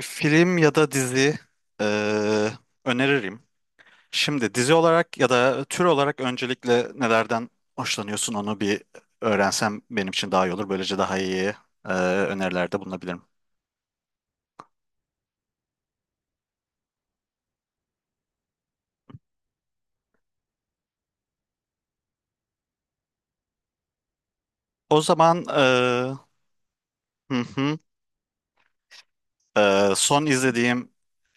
Film ya da dizi eee, öneririm. Şimdi dizi olarak ya da tür olarak öncelikle nelerden hoşlanıyorsun onu bir öğrensem benim için daha iyi olur. Böylece daha iyi eee, önerilerde bulunabilirim. O zaman hı hı, son izlediğim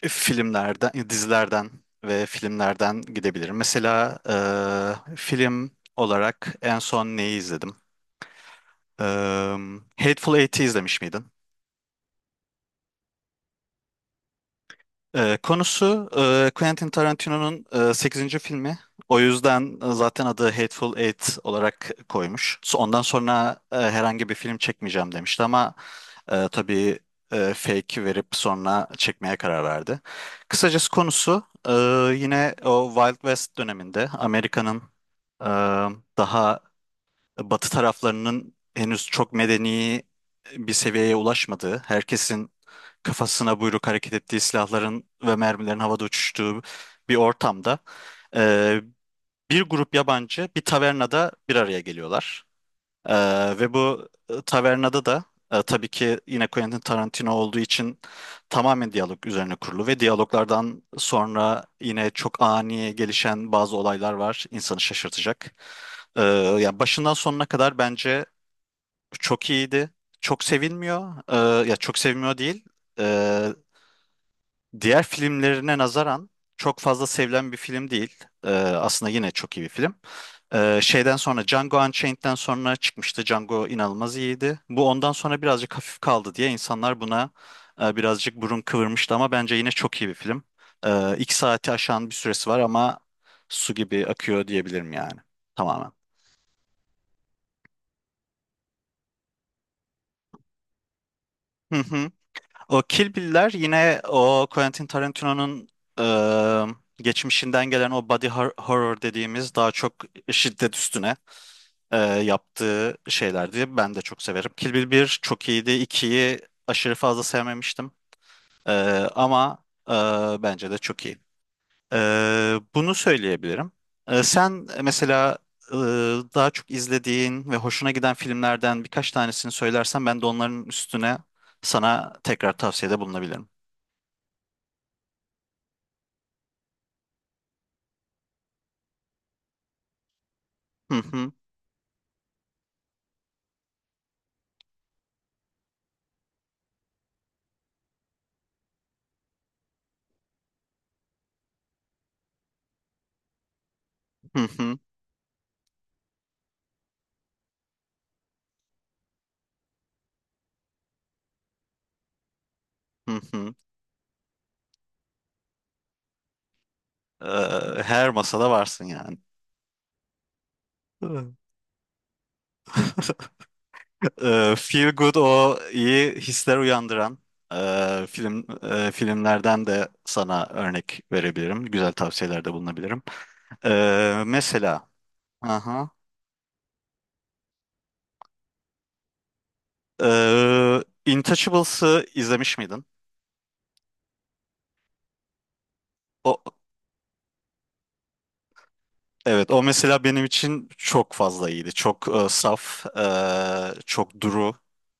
filmlerden, dizilerden ve filmlerden gidebilirim. Mesela film olarak en son neyi izledim? Eee Hateful Eight'i izlemiş miydin? Konusu Quentin Tarantino'nun 8. filmi. O yüzden zaten adı Hateful Eight olarak koymuş. Ondan sonra herhangi bir film çekmeyeceğim demişti ama tabii fake verip sonra çekmeye karar verdi. Kısacası konusu, yine o Wild West döneminde Amerika'nın e, daha Batı taraflarının henüz çok medeni bir seviyeye ulaşmadığı, herkesin kafasına buyruk hareket ettiği, silahların ve mermilerin havada uçuştuğu bir ortamda e, bir grup yabancı bir tavernada bir araya geliyorlar. Ve bu tavernada da tabii ki yine Quentin Tarantino olduğu için tamamen diyalog üzerine kurulu ve diyaloglardan sonra yine çok ani gelişen bazı olaylar var, insanı şaşırtacak. Ee, Ya başından sonuna kadar bence çok iyiydi. Çok sevilmiyor. Ya çok sevilmiyor değil. Diğer filmlerine nazaran çok fazla sevilen bir film değil. Aslında yine çok iyi bir film. Şeyden sonra Django Unchained'den sonra çıkmıştı. Django inanılmaz iyiydi. Bu ondan sonra birazcık hafif kaldı diye insanlar buna birazcık burun kıvırmıştı ama bence yine çok iyi bir film. İki saati aşan bir süresi var ama su gibi akıyor diyebilirim yani. Tamamen. Hı hı. O Kill Bill'ler yine o Quentin Tarantino'nun geçmişinden gelen o body horror dediğimiz daha çok şiddet üstüne yaptığı şeylerdi. Ben de çok severim. Kill Bill 1 çok iyiydi. İkiyi aşırı fazla sevmemiştim. E, Ama bence de çok iyi. E, Bunu söyleyebilirim. Sen mesela e, daha çok izlediğin ve hoşuna giden filmlerden birkaç tanesini söylersen ben de onların üstüne sana tekrar tavsiyede bulunabilirim. Hı hı, hı hı, hı hı. Her masada varsın yani. Hı. Feel Good, o iyi hisler uyandıran filmlerden de sana örnek verebilirim. Güzel tavsiyelerde bulunabilirim. Mesela aha, ee, Intouchables'ı izlemiş miydin? O evet, o mesela benim için çok fazla iyiydi. Çok saf, çok duru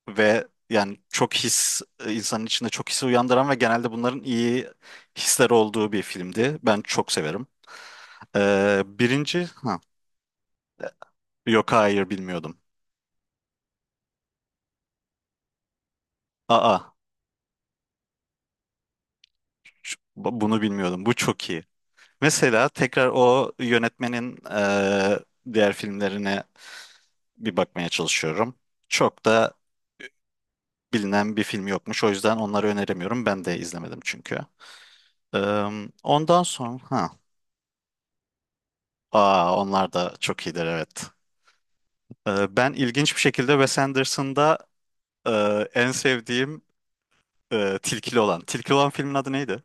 ve yani çok his, insanın içinde çok his uyandıran ve genelde bunların iyi hisler olduğu bir filmdi. Ben çok severim. Birinci, ha, yok hayır, bilmiyordum. Aa, bunu bilmiyordum. Bu çok iyi. Mesela tekrar o yönetmenin diğer filmlerine bir bakmaya çalışıyorum. Çok da bilinen bir film yokmuş. O yüzden onları öneremiyorum. Ben de izlemedim çünkü. Eee, Ondan sonra ha. Aa, onlar da çok iyidir, evet. Ben ilginç bir şekilde Wes Anderson'da en sevdiğim Tilkili olan. Tilkili olan filmin adı neydi?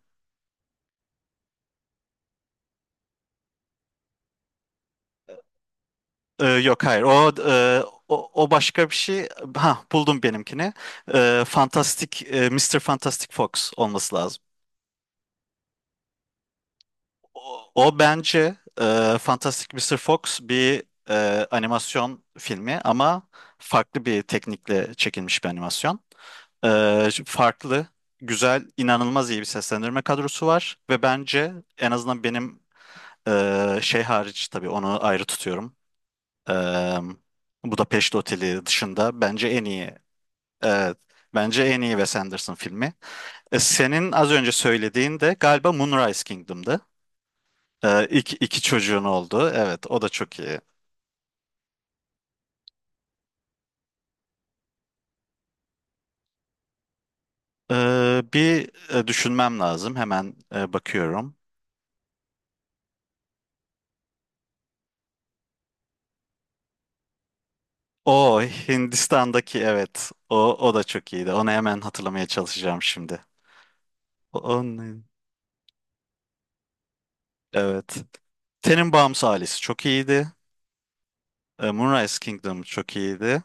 Yok hayır. O, o başka bir şey. Ha, buldum benimkini. Eee Fantastic eee, Mr. Fantastic Fox olması lazım. O, o bence Fantastic Mister Fox bir animasyon filmi ama farklı bir teknikle çekilmiş bir animasyon. Farklı, güzel, inanılmaz iyi bir seslendirme kadrosu var ve bence, en azından benim, şey hariç, tabii onu ayrı tutuyorum. Ee, Budapeşte Oteli dışında bence en iyi, evet, bence en iyi Wes Anderson filmi. Senin az önce söylediğin de galiba Moonrise Kingdom'dı. İki çocuğun oldu. Evet, o da çok iyi. Ee, bir düşünmem lazım. Hemen bakıyorum. O Hindistan'daki, evet. O da çok iyiydi. Onu hemen hatırlamaya çalışacağım şimdi. Onun, evet. Tenenbaums ailesi çok iyiydi. Moonrise Kingdom çok iyiydi.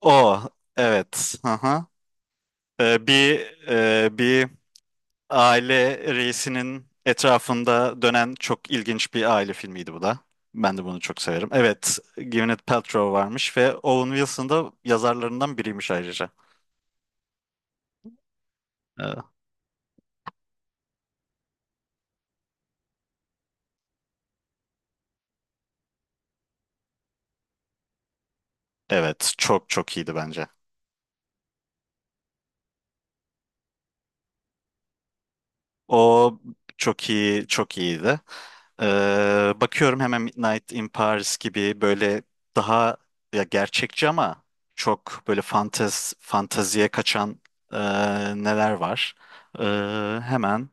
O evet. Aha. E, bir bir aile reisinin etrafında dönen çok ilginç bir aile filmiydi bu da. Ben de bunu çok severim. Evet, Gwyneth Paltrow varmış ve Owen Wilson da yazarlarından biriymiş ayrıca. Evet. Evet, çok çok iyiydi bence. O çok iyi, çok iyiydi. Bakıyorum hemen. Midnight in Paris gibi böyle daha, ya gerçekçi ama çok böyle fanteziye kaçan e, neler var. Hemen.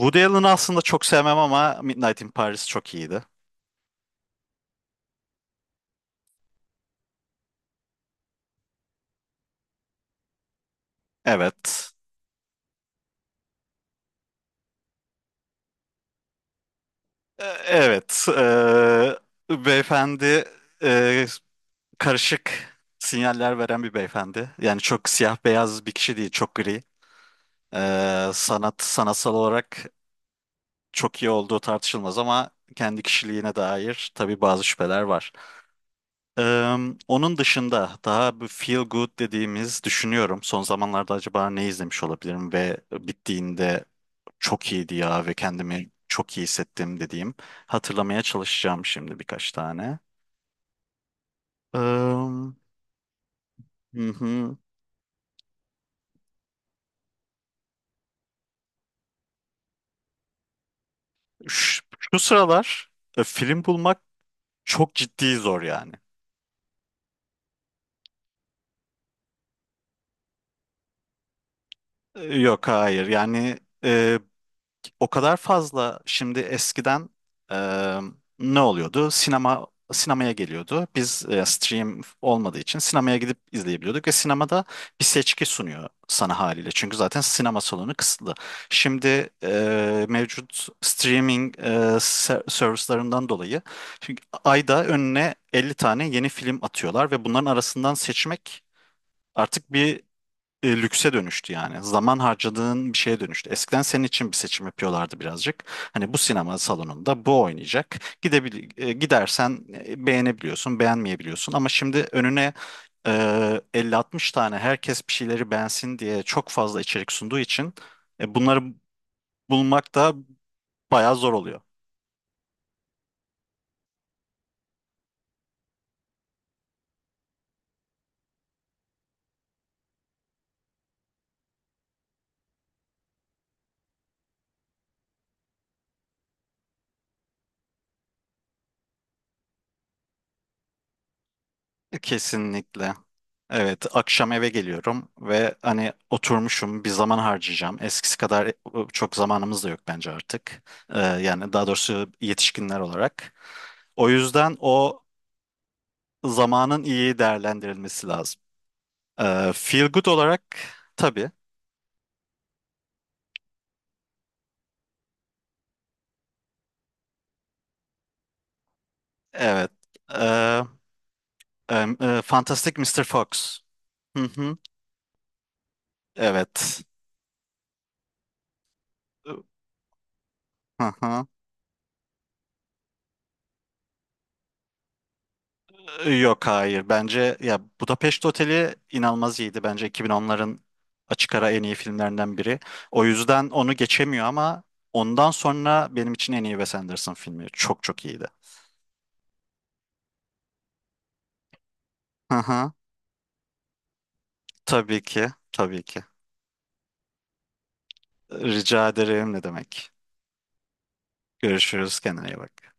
Woody Allen'ı aslında çok sevmem ama Midnight in Paris çok iyiydi. Evet. Evet, beyefendi e, karışık sinyaller veren bir beyefendi. Yani çok siyah beyaz bir kişi değil, çok gri. Sanatsal olarak çok iyi olduğu tartışılmaz ama kendi kişiliğine dair tabii bazı şüpheler var. Eee, Onun dışında daha bu feel good dediğimiz, düşünüyorum. Son zamanlarda acaba ne izlemiş olabilirim ve bittiğinde çok iyiydi ya ve kendimi çok iyi hissettim dediğim. Hatırlamaya çalışacağım şimdi birkaç tane. Hı hı. Şu, Şu sıralar film bulmak çok ciddi zor yani. Yok hayır yani, o kadar fazla, şimdi eskiden e, ne oluyordu? Sinemaya geliyordu. Biz stream olmadığı için sinemaya gidip izleyebiliyorduk ve sinemada bir seçki sunuyor sana haliyle. Çünkü zaten sinema salonu kısıtlı. Şimdi mevcut streaming servislarından dolayı, çünkü ayda önüne 50 tane yeni film atıyorlar ve bunların arasından seçmek artık bir lükse dönüştü yani. Zaman harcadığın bir şeye dönüştü. Eskiden senin için bir seçim yapıyorlardı birazcık. Hani bu sinema salonunda bu oynayacak. Gidersen beğenebiliyorsun, beğenmeyebiliyorsun. Ama şimdi önüne 50-60 tane, herkes bir şeyleri beğensin diye çok fazla içerik sunduğu için bunları bulmak da bayağı zor oluyor. Kesinlikle. Evet, akşam eve geliyorum ve hani oturmuşum, bir zaman harcayacağım. Eskisi kadar çok zamanımız da yok bence artık. Yani daha doğrusu yetişkinler olarak. O yüzden o zamanın iyi değerlendirilmesi lazım. Feel good olarak tabii. Evet. Ee, e, Fantastic Mr. Fox. Hı hı. Evet. Hı hı. Yok hayır. Bence ya Budapest Oteli inanılmaz iyiydi. Bence 2010'ların açık ara en iyi filmlerinden biri. O yüzden onu geçemiyor ama ondan sonra benim için en iyi Wes Anderson filmi. Çok çok iyiydi. Hı hı. Tabii ki. Tabii ki. Rica ederim, ne demek. Görüşürüz. Kendine iyi bak.